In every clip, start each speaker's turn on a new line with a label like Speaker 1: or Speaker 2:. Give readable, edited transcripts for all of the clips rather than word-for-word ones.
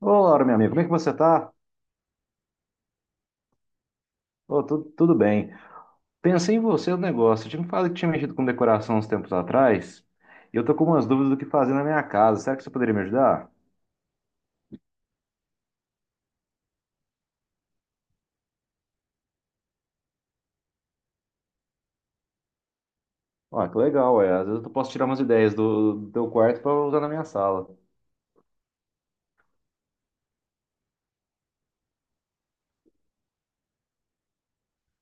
Speaker 1: Olá, meu amigo, como é que você tá? Ô, tudo bem. Pensei em você no negócio. Eu tinha me falado que tinha mexido com decoração uns tempos atrás e eu tô com umas dúvidas do que fazer na minha casa. Será que você poderia me ajudar? Ó, que legal, é. Às vezes eu posso tirar umas ideias do teu quarto para usar na minha sala.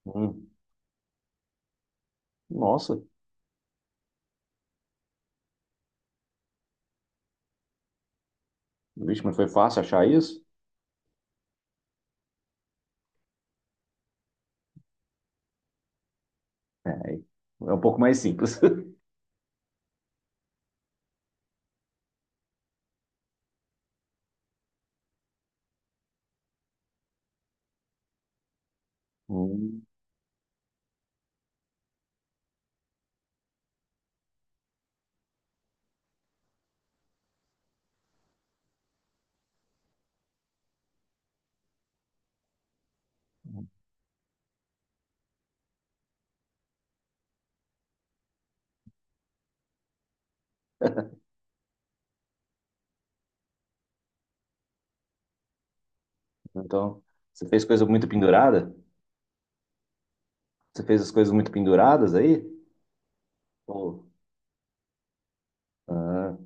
Speaker 1: Hum, nossa, vixe, mas foi fácil achar isso? É, é um pouco mais simples. Hum, então, você fez coisa muito pendurada? Você fez as coisas muito penduradas aí? Ou- ah,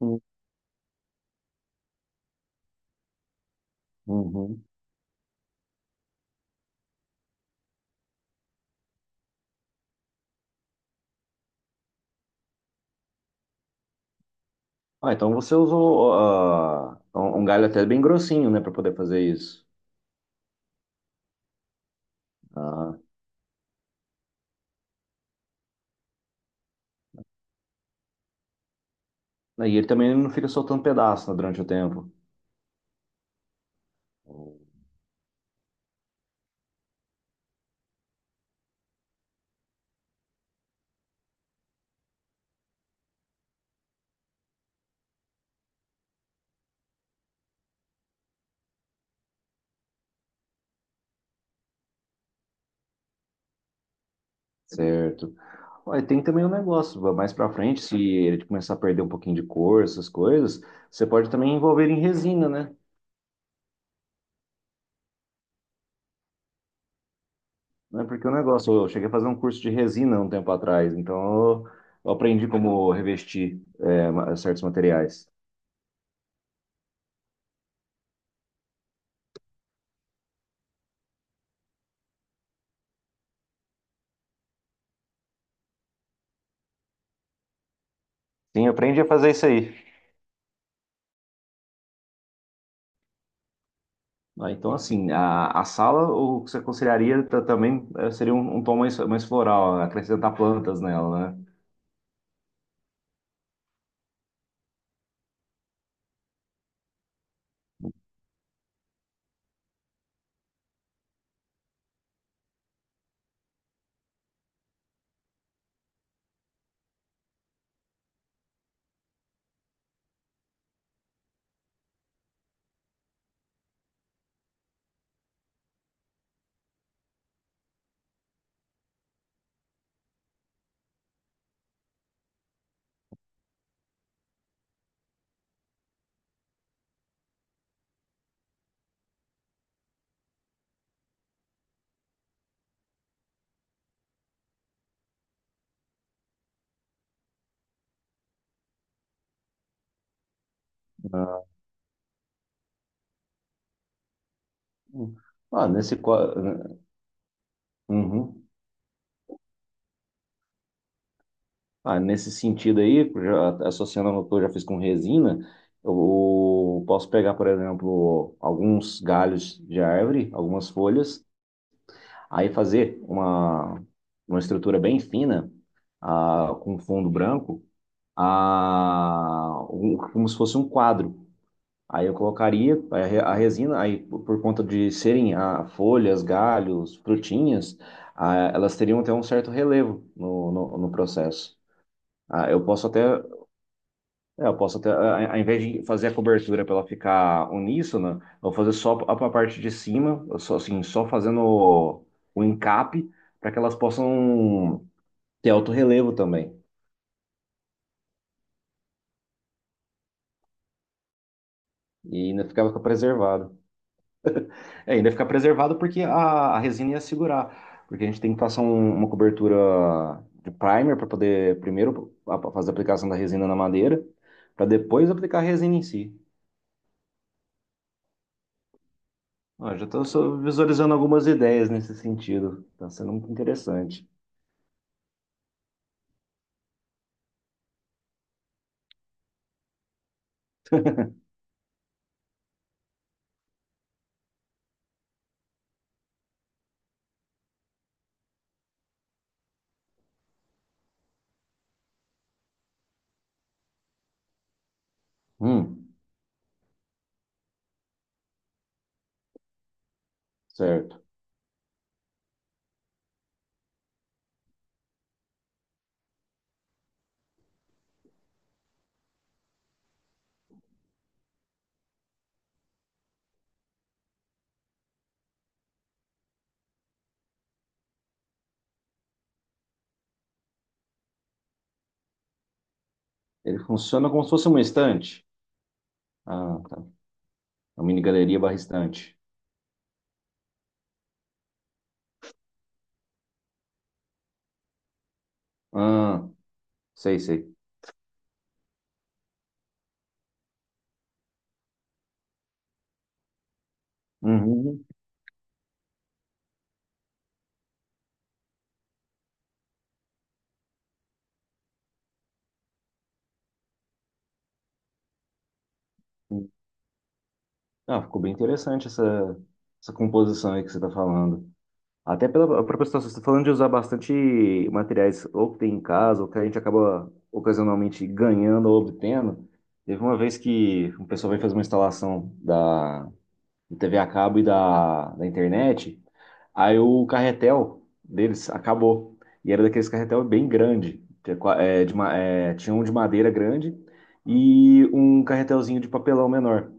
Speaker 1: hum, uhum. Ah, então você usou um galho até bem grossinho, né, para poder fazer isso. Ah, e ele também não fica soltando pedaço, né, durante o tempo. Certo. Olha, tem também um negócio, mais pra frente, se ele começar a perder um pouquinho de cor, essas coisas, você pode também envolver em resina, né? Né, porque o negócio, eu cheguei a fazer um curso de resina um tempo atrás, então eu, eu aprendi como revestir é, ma- certos materiais. Sim, eu aprendi a fazer isso aí. Ah, então, assim, a sala, o que você aconselharia ta- também seria um tom mais floral, acrescentar plantas nela, né? Ah, ah, nesse, qua- uhum. Ah, nesse sentido aí, já, associando ao que eu já fiz com resina, eu posso pegar, por exemplo, alguns galhos de árvore, algumas folhas, aí fazer uma estrutura bem fina, ah, com fundo branco, ah, um- como se fosse um quadro. Aí eu colocaria a re- a resina, aí por conta de serem ah, folhas, galhos, frutinhas, ah, elas teriam até um certo relevo no processo. Ah, eu posso até, é, eu posso até, a- ao invés de fazer a cobertura para ela ficar uníssona, eu vou fazer só a parte de cima, eu só assim, só fazendo o encape para que elas possam ter alto relevo também e ainda ficava preservado. É, ainda ficar preservado porque a resina ia segurar. Porque a gente tem que passar um- uma cobertura de primer para poder primeiro a- fazer a aplicação da resina na madeira, para depois aplicar a resina em si. Ó, já estou visualizando algumas ideias nesse sentido. Está sendo muito interessante. Hum, certo. Ele funciona como se fosse uma estante. Ah, tá. Uma mini galeria barra estante. Ah, sei, sei. Uhum. Uhum. Ah, ficou bem interessante essa, essa composição aí que você está falando. Até pela própria situação, você está falando de usar bastante materiais ou que tem em casa, ou que a gente acaba ocasionalmente ganhando ou obtendo. Teve uma vez que um pessoal veio fazer uma instalação do TV a cabo e da internet. Aí o carretel deles acabou. E era daqueles carretel bem grande, que é qua- é, de ma- é, tinha um de madeira grande e um carretelzinho de papelão menor.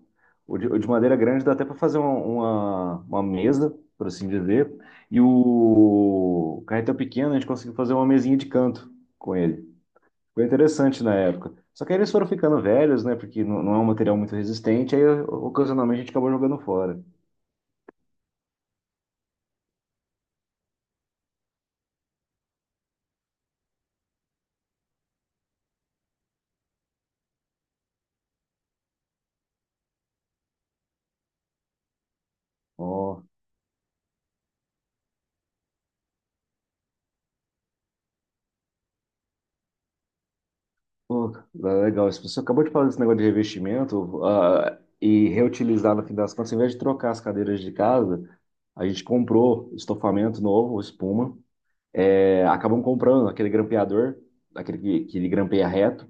Speaker 1: O de madeira grande dá até para fazer uma mesa, por assim dizer. E o carretel pequeno a gente conseguiu fazer uma mesinha de canto com ele. Foi interessante na época. Só que aí eles foram ficando velhos, né? Porque não é um material muito resistente. Aí ocasionalmente a gente acabou jogando fora. Ó. Pô, legal. Isso. Você acabou de falar desse negócio de revestimento, ah, e reutilizar no fim das contas, em vez de trocar as cadeiras de casa, a gente comprou estofamento novo, espuma. É, acabamos comprando aquele grampeador, aquele que ele grampeia reto,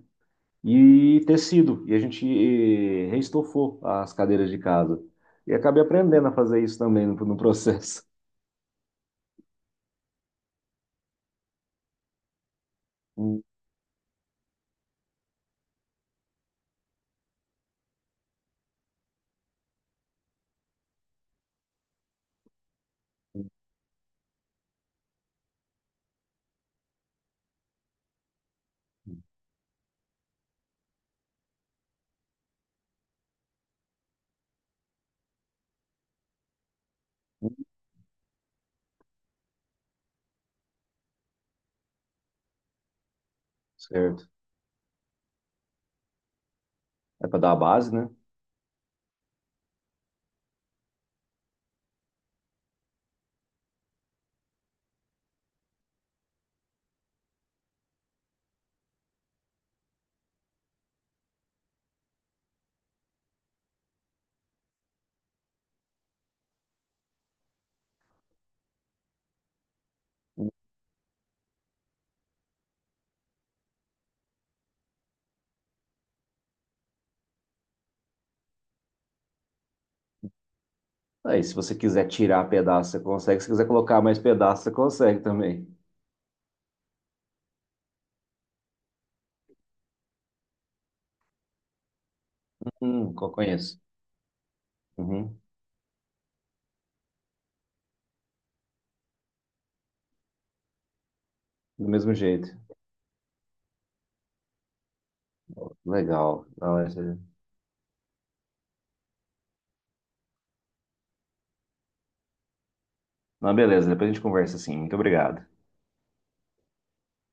Speaker 1: e tecido. E a gente reestofou as cadeiras de casa. E acabei aprendendo a fazer isso também no processo. Hum, Certo. É para dar a base, né? Aí, se você quiser tirar pedaço, você consegue. Se quiser colocar mais pedaço, você consegue também. Co- conheço. Uhum. Do mesmo jeito. Legal. Não, essa- Não, beleza, depois a gente conversa assim. Muito obrigado.